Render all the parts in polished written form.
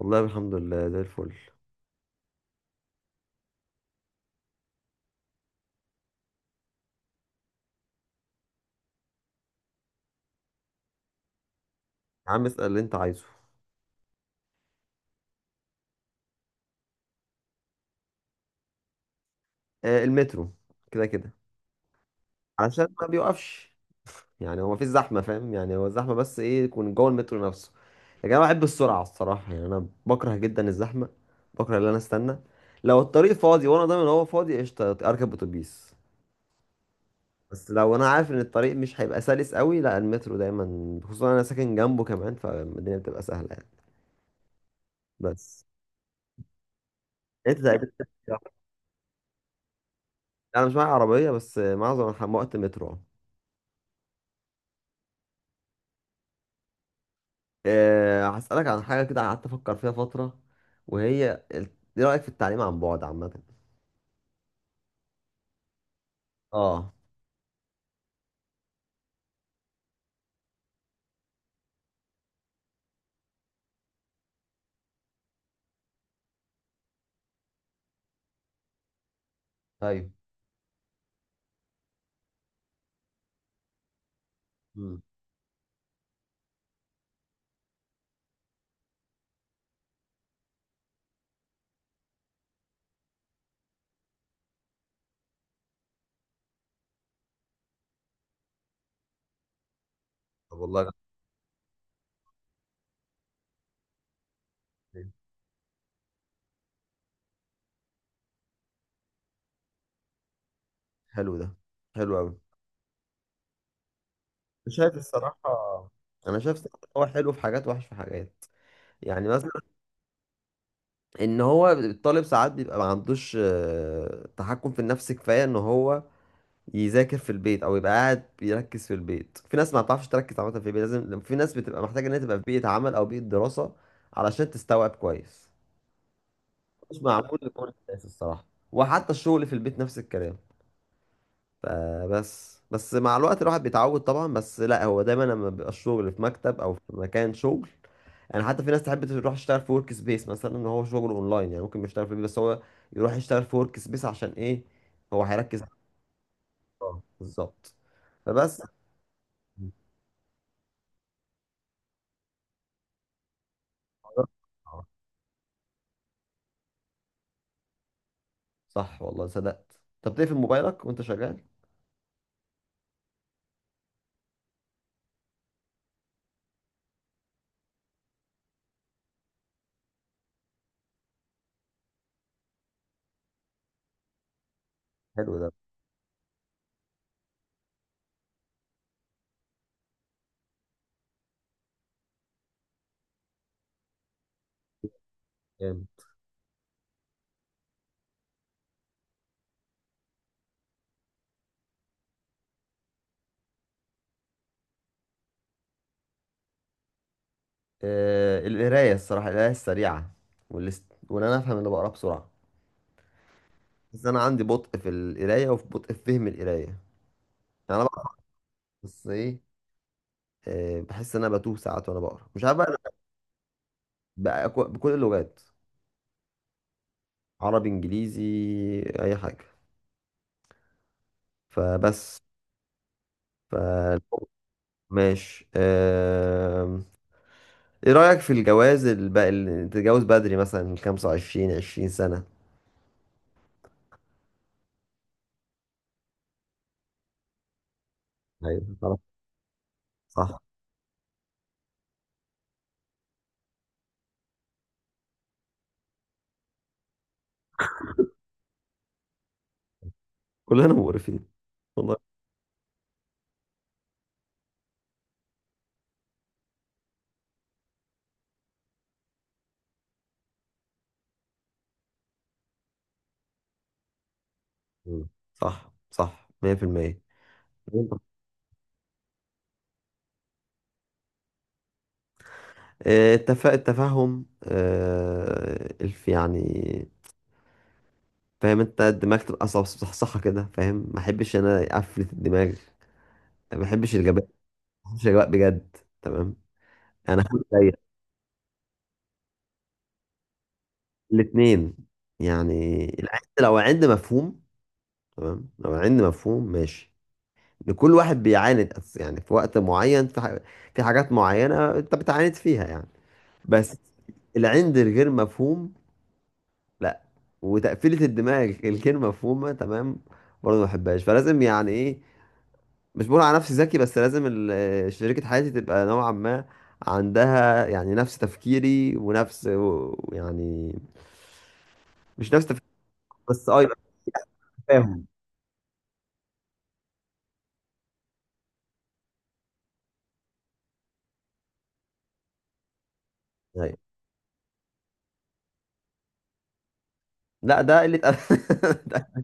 والله الحمد لله زي الفل. يا عم اسأل اللي انت عايزه. آه، المترو، كده كده. علشان ما بيوقفش، يعني هو مفيش زحمة، فاهم؟ يعني هو الزحمة بس ايه يكون جوه المترو نفسه. لكن انا بحب السرعة الصراحة، يعني انا بكره جدا الزحمة. بكره ان انا استنى. لو الطريق فاضي وانا ضامن ان هو فاضي قشطة، اركب اتوبيس. بس لو انا عارف ان الطريق مش هيبقى سلس قوي، لا، المترو دايما، خصوصا انا ساكن جنبه كمان، فالدنيا بتبقى سهلة يعني. بس انت تقريبا. انا مش معايا عربية، بس معظم وقت مترو. أه، هسألك عن حاجة كده قعدت أفكر فيها فترة، وهي ال- إيه رأيك في التعليم عن بعد عامة؟ اه. ايوه. مم. طب والله جميل. حلو ده، حلو أوي. أنا شايف الصراحة، أنا شايف الصراحة إن هو حلو في حاجات وحش في حاجات. يعني مثلا، إن هو الطالب ساعات بيبقى ما عندوش تحكم في النفس كفاية إن هو يذاكر في البيت أو يبقى قاعد بيركز في البيت. في ناس ما بتعرفش تركز عامة في البيت، لازم في ناس بتبقى محتاجة إن هي تبقى في بيئة عمل أو بيئة دراسة علشان تستوعب كويس. مش معقول لكل الناس الصراحة. وحتى الشغل في البيت نفس الكلام. بس مع الوقت الواحد بيتعود طبعا، بس لا، هو دايما لما بيبقى الشغل في مكتب او في مكان شغل. يعني حتى في ناس تحب تروح تشتغل في ورك سبيس مثلا، ان هو شغل اونلاين يعني ممكن يشتغل في البيت، بس هو يروح يشتغل في ورك سبيس عشان ايه؟ هو هيركز على الشغل. بالظبط. فبس. صح والله صدقت، طب تقفل موبايلك وانت شغال. حلو ده، جامد. آه، القراية الصراحة، القراية السريعة والست، وان انا افهم اللي بقراه بسرعة. بس انا عندي بطء في القرايه وفي بطء في فهم القرايه يعني. انا بقرا، بس ايه، بحس ان انا بتوه ساعات وانا بقرا، مش عارف بقى. أنا بكل اللغات، عربي انجليزي، اي حاجه. فبس. ف ماشي، ايه رايك في الجواز اللي تتجوز بدري مثلا من 25 20 سنه؟ ايوه طبعاً. صح، كلنا مقرفين والله. مم. صح صح 100%. التفهم، الف يعني، فاهم انت، الدماغ تبقى صحصحة كده، فاهم؟ ما احبش انا افلت الدماغ. ما احبش الجبان، ما احبش الجباء بجد. تمام. انا حابب زيك الاثنين. يعني العند لو عند مفهوم، تمام. لو عند مفهوم ماشي. ان كل واحد بيعاند يعني في وقت معين في حاجات معينة انت بتعاند فيها يعني. بس العند الغير مفهوم لا، وتقفيلة الدماغ الغير مفهومة تمام، برضه ما بحبهاش. فلازم يعني ايه، مش بقول على نفسي ذكي، بس لازم شريكة حياتي تبقى نوعا ما عندها يعني نفس تفكيري، يعني، مش نفس تفكيري، بس اه، يبقى تفاهم يعني. لا، ده قلة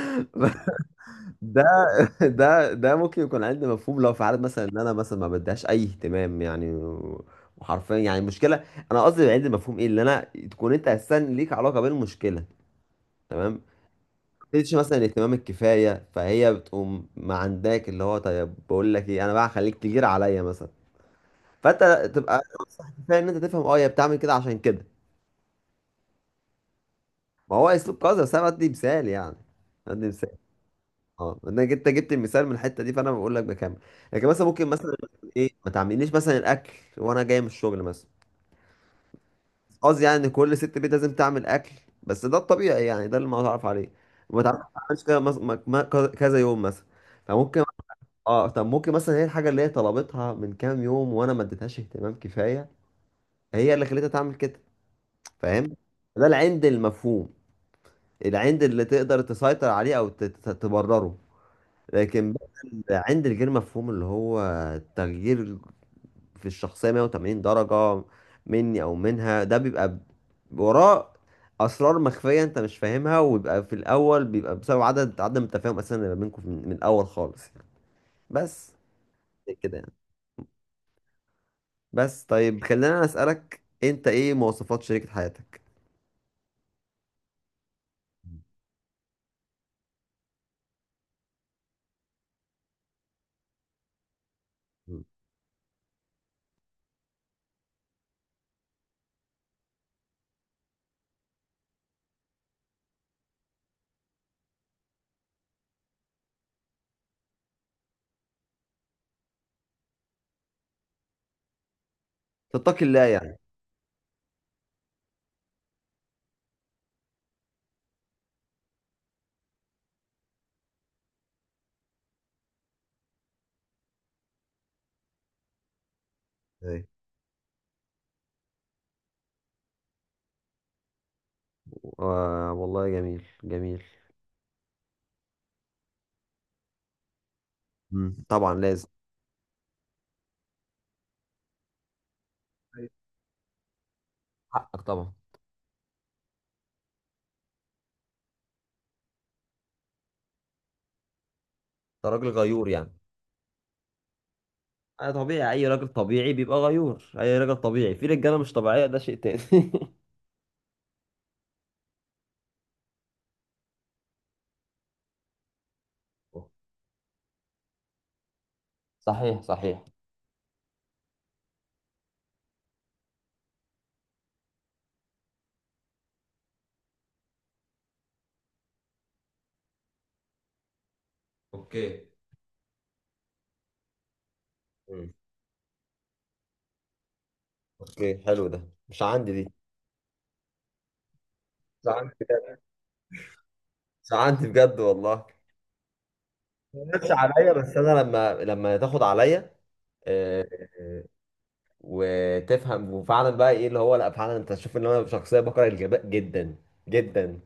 ده ده ده ممكن يكون عندي مفهوم لو في حالة مثلا ان انا مثلا ما بديهاش اي اهتمام يعني وحرفيا يعني المشكله، انا قصدي عندي مفهوم، ايه اللي انا، تكون انت اساسا ليك علاقه بالمشكله، تمام. تديش مثلا الاهتمام الكفايه، فهي بتقوم ما عندك اللي هو طيب بقول لك ايه انا بقى هخليك تجير عليا مثلا. فانت تبقى كفايه ان انت تفهم اه هي بتعمل كده عشان كده. ما هو اسلوب قذر، بس انا بدي مثال يعني، بدي مثال. اه، انك انت جبت المثال من الحته دي فانا بقول لك بكمل. لكن مثلا ممكن مثلا ايه ما تعمليش مثلا الاكل وانا جاي من الشغل مثلا. قصدي يعني ان كل ست بيت لازم تعمل اكل، بس ده الطبيعي يعني، ده اللي ما اعرف عليه. وما تعرفش تعملش كده، كذا يوم مثلا. فممكن اه، طب ممكن مثلا هي الحاجه اللي هي طلبتها من كام يوم وانا ما اديتهاش اهتمام كفايه، هي اللي خلتها تعمل كده، فاهم؟ ده العند المفهوم، العند اللي تقدر تسيطر عليه او تبرره. لكن بقى العند الغير مفهوم اللي هو تغيير في الشخصيه 180 درجه مني او منها، ده بيبقى وراه اسرار مخفيه انت مش فاهمها، ويبقى في الاول بيبقى بسبب عدم التفاهم اساسا اللي ما بينكم من الاول خالص يعني. بس كده يعني. بس طيب، خلينا اسالك، انت ايه مواصفات شريكة حياتك؟ مم. تتقي الله يعني. ايه. آه والله جميل جميل. مم. طبعا لازم. أيوة. حقك طبعا، انت راجل غيور يعني. انا طبيعي، اي راجل طبيعي بيبقى غيور، اي راجل طبيعي في رجاله، مش طبيعيه ده شيء تاني. صحيح صحيح. اوكي. مم. اوكي، حلو ده. مش عندي دي، مش عندي بجد، مش عندي بجد والله. ما جاتش عليا، بس انا لما لما تاخد عليا وتفهم وفعلا بقى ايه اللي هو لا، فعلا انت تشوف ان انا شخصيه بكره الغباء جدا جدا.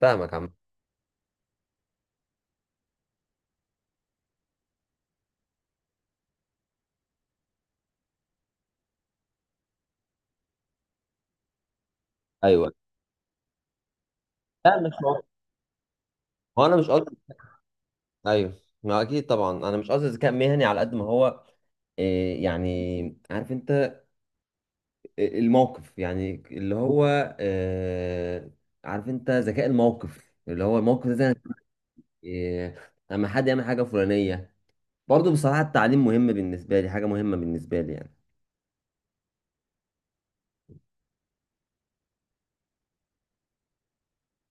فاهمك عم. ايوه. لا مش هو. هو انا مش قصدي. ايوه، ما اكيد طبعا انا مش قصدي ذكاء مهني على قد ما هو إيه، يعني عارف انت الموقف، يعني اللي هو عارف انت ذكاء الموقف، اللي هو الموقف ده زي- إيه، لما حد يعمل حاجه فلانيه. برضه بصراحه التعليم مهم بالنسبه لي، حاجه مهمه بالنسبه لي يعني.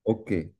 اوكي